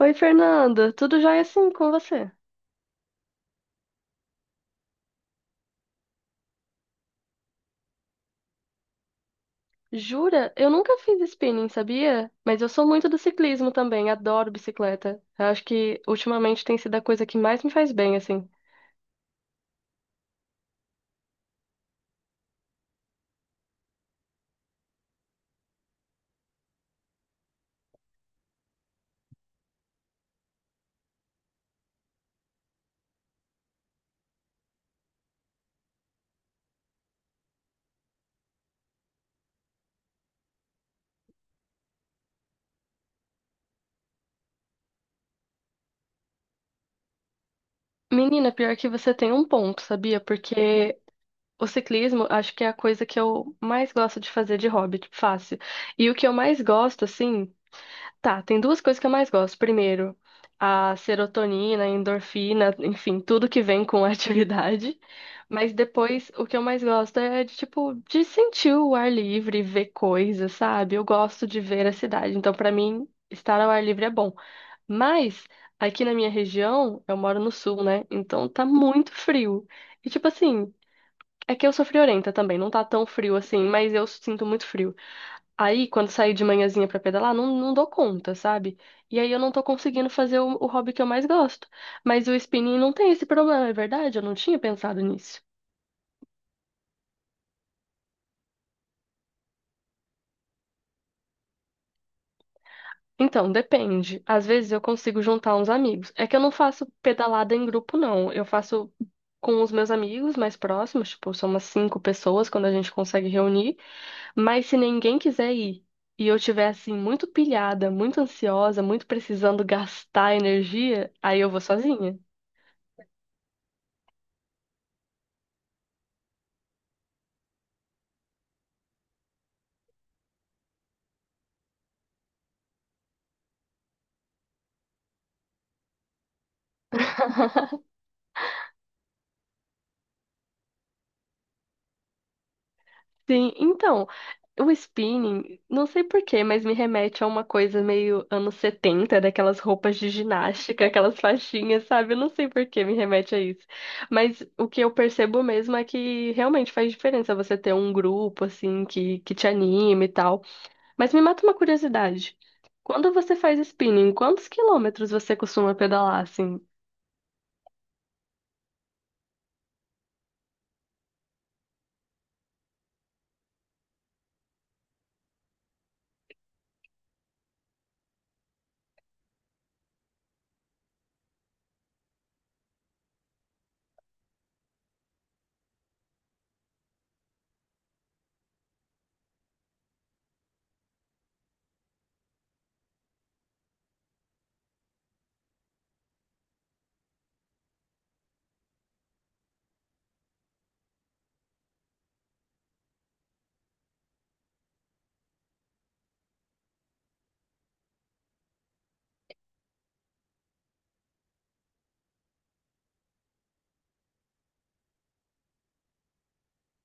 Oi, Fernanda, tudo jóia assim com você? Jura? Eu nunca fiz spinning, sabia? Mas eu sou muito do ciclismo também, adoro bicicleta. Eu acho que ultimamente tem sido a coisa que mais me faz bem, assim. Menina, pior que você tem um ponto, sabia? Porque o ciclismo acho que é a coisa que eu mais gosto de fazer de hobby, tipo, fácil. E o que eu mais gosto, assim. Tá, tem duas coisas que eu mais gosto. Primeiro, a serotonina, a endorfina, enfim, tudo que vem com a atividade. Mas depois, o que eu mais gosto é de, tipo, de sentir o ar livre, ver coisas, sabe? Eu gosto de ver a cidade. Então, pra mim, estar ao ar livre é bom. Mas, aqui na minha região, eu moro no sul, né? Então, tá muito frio. E, tipo assim, é que eu sou friorenta também. Não tá tão frio assim, mas eu sinto muito frio. Aí, quando saio de manhãzinha pra pedalar, não, não dou conta, sabe? E aí eu não tô conseguindo fazer o hobby que eu mais gosto. Mas o spinning não tem esse problema, é verdade? Eu não tinha pensado nisso. Então, depende. Às vezes eu consigo juntar uns amigos. É que eu não faço pedalada em grupo, não. Eu faço com os meus amigos mais próximos, tipo, são umas cinco pessoas quando a gente consegue reunir. Mas se ninguém quiser ir e eu tiver, assim, muito pilhada, muito ansiosa, muito precisando gastar energia, aí eu vou sozinha. Sim, então, o spinning, não sei por quê, mas me remete a uma coisa meio anos 70, daquelas roupas de ginástica, aquelas faixinhas, sabe? Eu não sei por que me remete a isso. Mas o que eu percebo mesmo é que realmente faz diferença você ter um grupo, assim, que te anime e tal. Mas me mata uma curiosidade. Quando você faz spinning, quantos quilômetros você costuma pedalar, assim?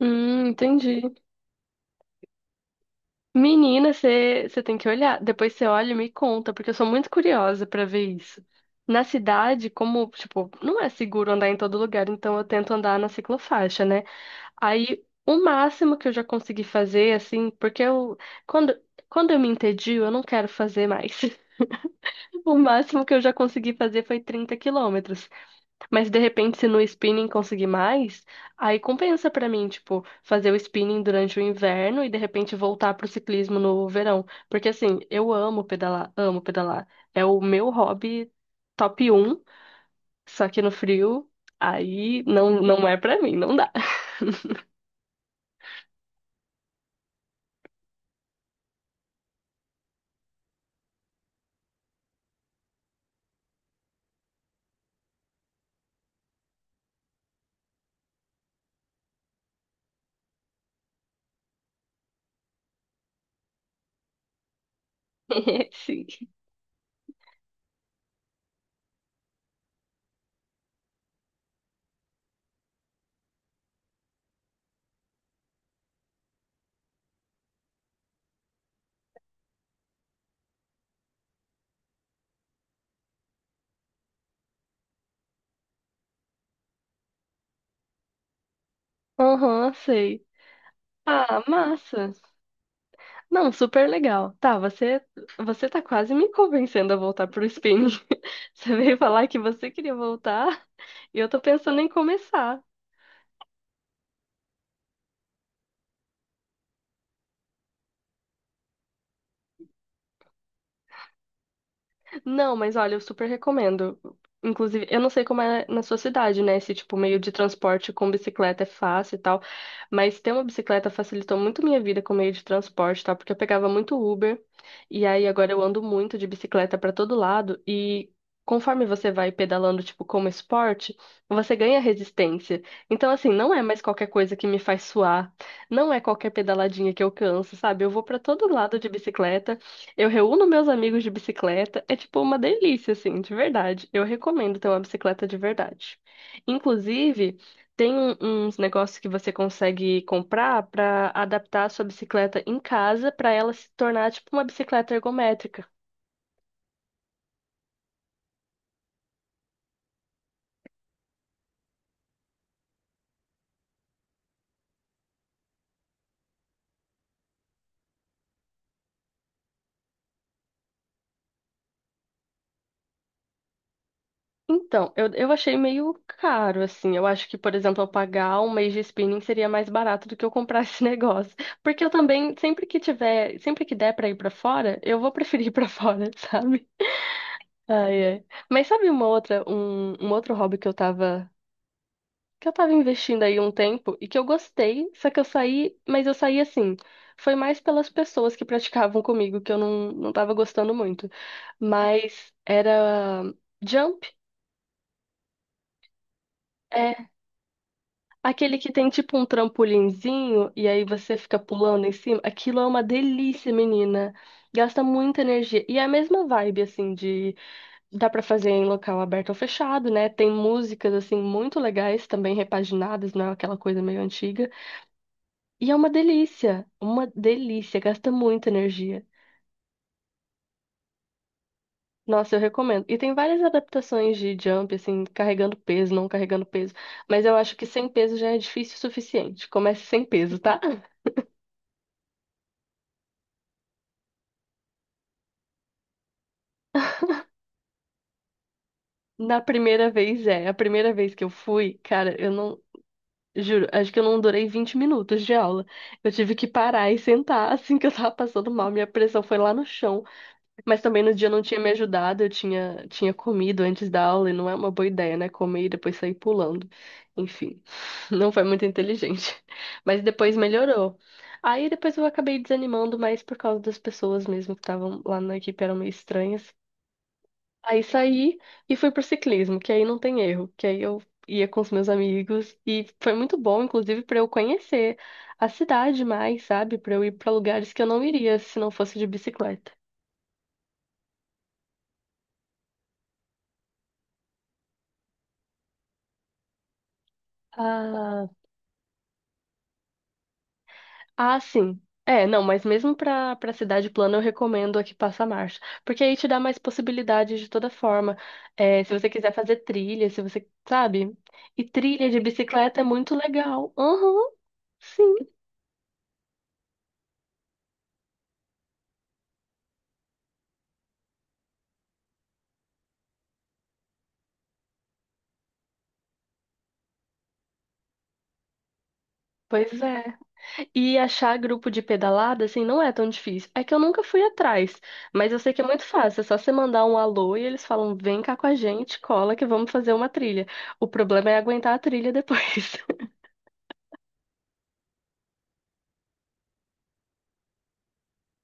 Entendi. Menina, você tem que olhar. Depois você olha e me conta, porque eu sou muito curiosa pra ver isso. Na cidade, como, tipo, não é seguro andar em todo lugar, então eu tento andar na ciclofaixa, né? Aí, o máximo que eu já consegui fazer, assim, porque eu, quando, quando eu me entedio, eu não quero fazer mais. O máximo que eu já consegui fazer foi 30 quilômetros. Mas de repente, se no spinning conseguir mais, aí compensa pra mim, tipo, fazer o spinning durante o inverno e de repente voltar pro ciclismo no verão. Porque assim, eu amo pedalar, amo pedalar. É o meu hobby top um só que no frio, aí não, não é pra mim, não dá. Sim. Aham, sei. Ah, massa. Não, super legal. Tá, você, você tá quase me convencendo a voltar pro spinning. Você veio falar que você queria voltar. E eu tô pensando em começar. Não, mas olha, eu super recomendo. Inclusive, eu não sei como é na sua cidade, né? Se, tipo, meio de transporte com bicicleta é fácil e tal. Mas ter uma bicicleta facilitou muito minha vida com meio de transporte, tá? Porque eu pegava muito Uber. E aí agora eu ando muito de bicicleta pra todo lado. E conforme você vai pedalando, tipo, como esporte, você ganha resistência. Então, assim, não é mais qualquer coisa que me faz suar. Não é qualquer pedaladinha que eu canso, sabe? Eu vou pra todo lado de bicicleta. Eu reúno meus amigos de bicicleta, é tipo uma delícia, assim, de verdade. Eu recomendo ter uma bicicleta de verdade. Inclusive, tem um- uns negócios que você consegue comprar para adaptar a sua bicicleta em casa para ela se tornar tipo uma bicicleta ergométrica. Então, eu achei meio caro, assim. Eu acho que, por exemplo, eu pagar um mês de spinning seria mais barato do que eu comprar esse negócio. Porque eu também, sempre que tiver, sempre que der para ir para fora, eu vou preferir ir para fora, sabe? Ai, ai. Mas sabe uma outra, um outro hobby que eu tava investindo aí um tempo e que eu gostei, só que eu saí, mas eu saí assim, foi mais pelas pessoas que praticavam comigo, que eu não, não tava gostando muito. Mas era jump, é aquele que tem tipo um trampolinzinho e aí você fica pulando em cima. Aquilo é uma delícia, menina. Gasta muita energia. E é a mesma vibe, assim, de dá pra fazer em local aberto ou fechado, né? Tem músicas assim muito legais também repaginadas, não é aquela coisa meio antiga. E é uma delícia, gasta muita energia. Nossa, eu recomendo. E tem várias adaptações de jump, assim, carregando peso, não carregando peso. Mas eu acho que sem peso já é difícil o suficiente. Comece sem peso, tá? Na primeira vez é. A primeira vez que eu fui, cara, eu não. Juro, acho que eu não durei 20 minutos de aula. Eu tive que parar e sentar assim que eu tava passando mal. Minha pressão foi lá no chão. Mas também no dia não tinha me ajudado, eu tinha comido antes da aula e não é uma boa ideia, né? Comer e depois sair pulando. Enfim, não foi muito inteligente. Mas depois melhorou. Aí depois eu acabei desanimando mais por causa das pessoas mesmo que estavam lá na equipe, eram meio estranhas. Aí saí e fui pro ciclismo, que aí não tem erro, que aí eu ia com os meus amigos e foi muito bom, inclusive, para eu conhecer a cidade mais, sabe? Para eu ir para lugares que eu não iria se não fosse de bicicleta. Ah, Ah, sim. É, não, mas mesmo para cidade plana eu recomendo a que passa a marcha, porque aí te dá mais possibilidades de toda forma. É, se você quiser fazer trilha, se você, sabe? E trilha de bicicleta é muito legal. Uhum, sim, pois é. E achar grupo de pedalada, assim, não é tão difícil. É que eu nunca fui atrás, mas eu sei que é muito fácil. É só você mandar um alô e eles falam: vem cá com a gente, cola que vamos fazer uma trilha. O problema é aguentar a trilha depois.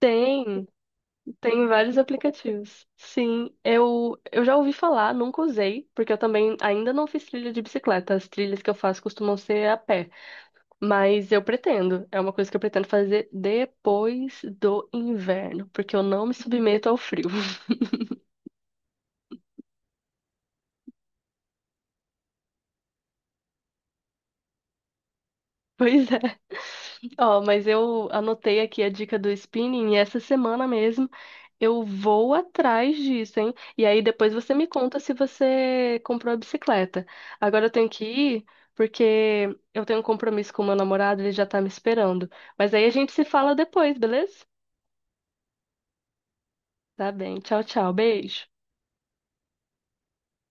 Tem. Tem vários aplicativos. Sim, eu já ouvi falar, nunca usei, porque eu também ainda não fiz trilha de bicicleta. As trilhas que eu faço costumam ser a pé, mas eu pretendo. É uma coisa que eu pretendo fazer depois do inverno, porque eu não me submeto ao frio. Pois é. Ó, mas eu anotei aqui a dica do spinning e essa semana mesmo eu vou atrás disso, hein? E aí depois você me conta se você comprou a bicicleta. Agora eu tenho que ir porque eu tenho um compromisso com o meu namorado, ele já tá me esperando. Mas aí a gente se fala depois, beleza? Tá bem. Tchau, tchau. Beijo.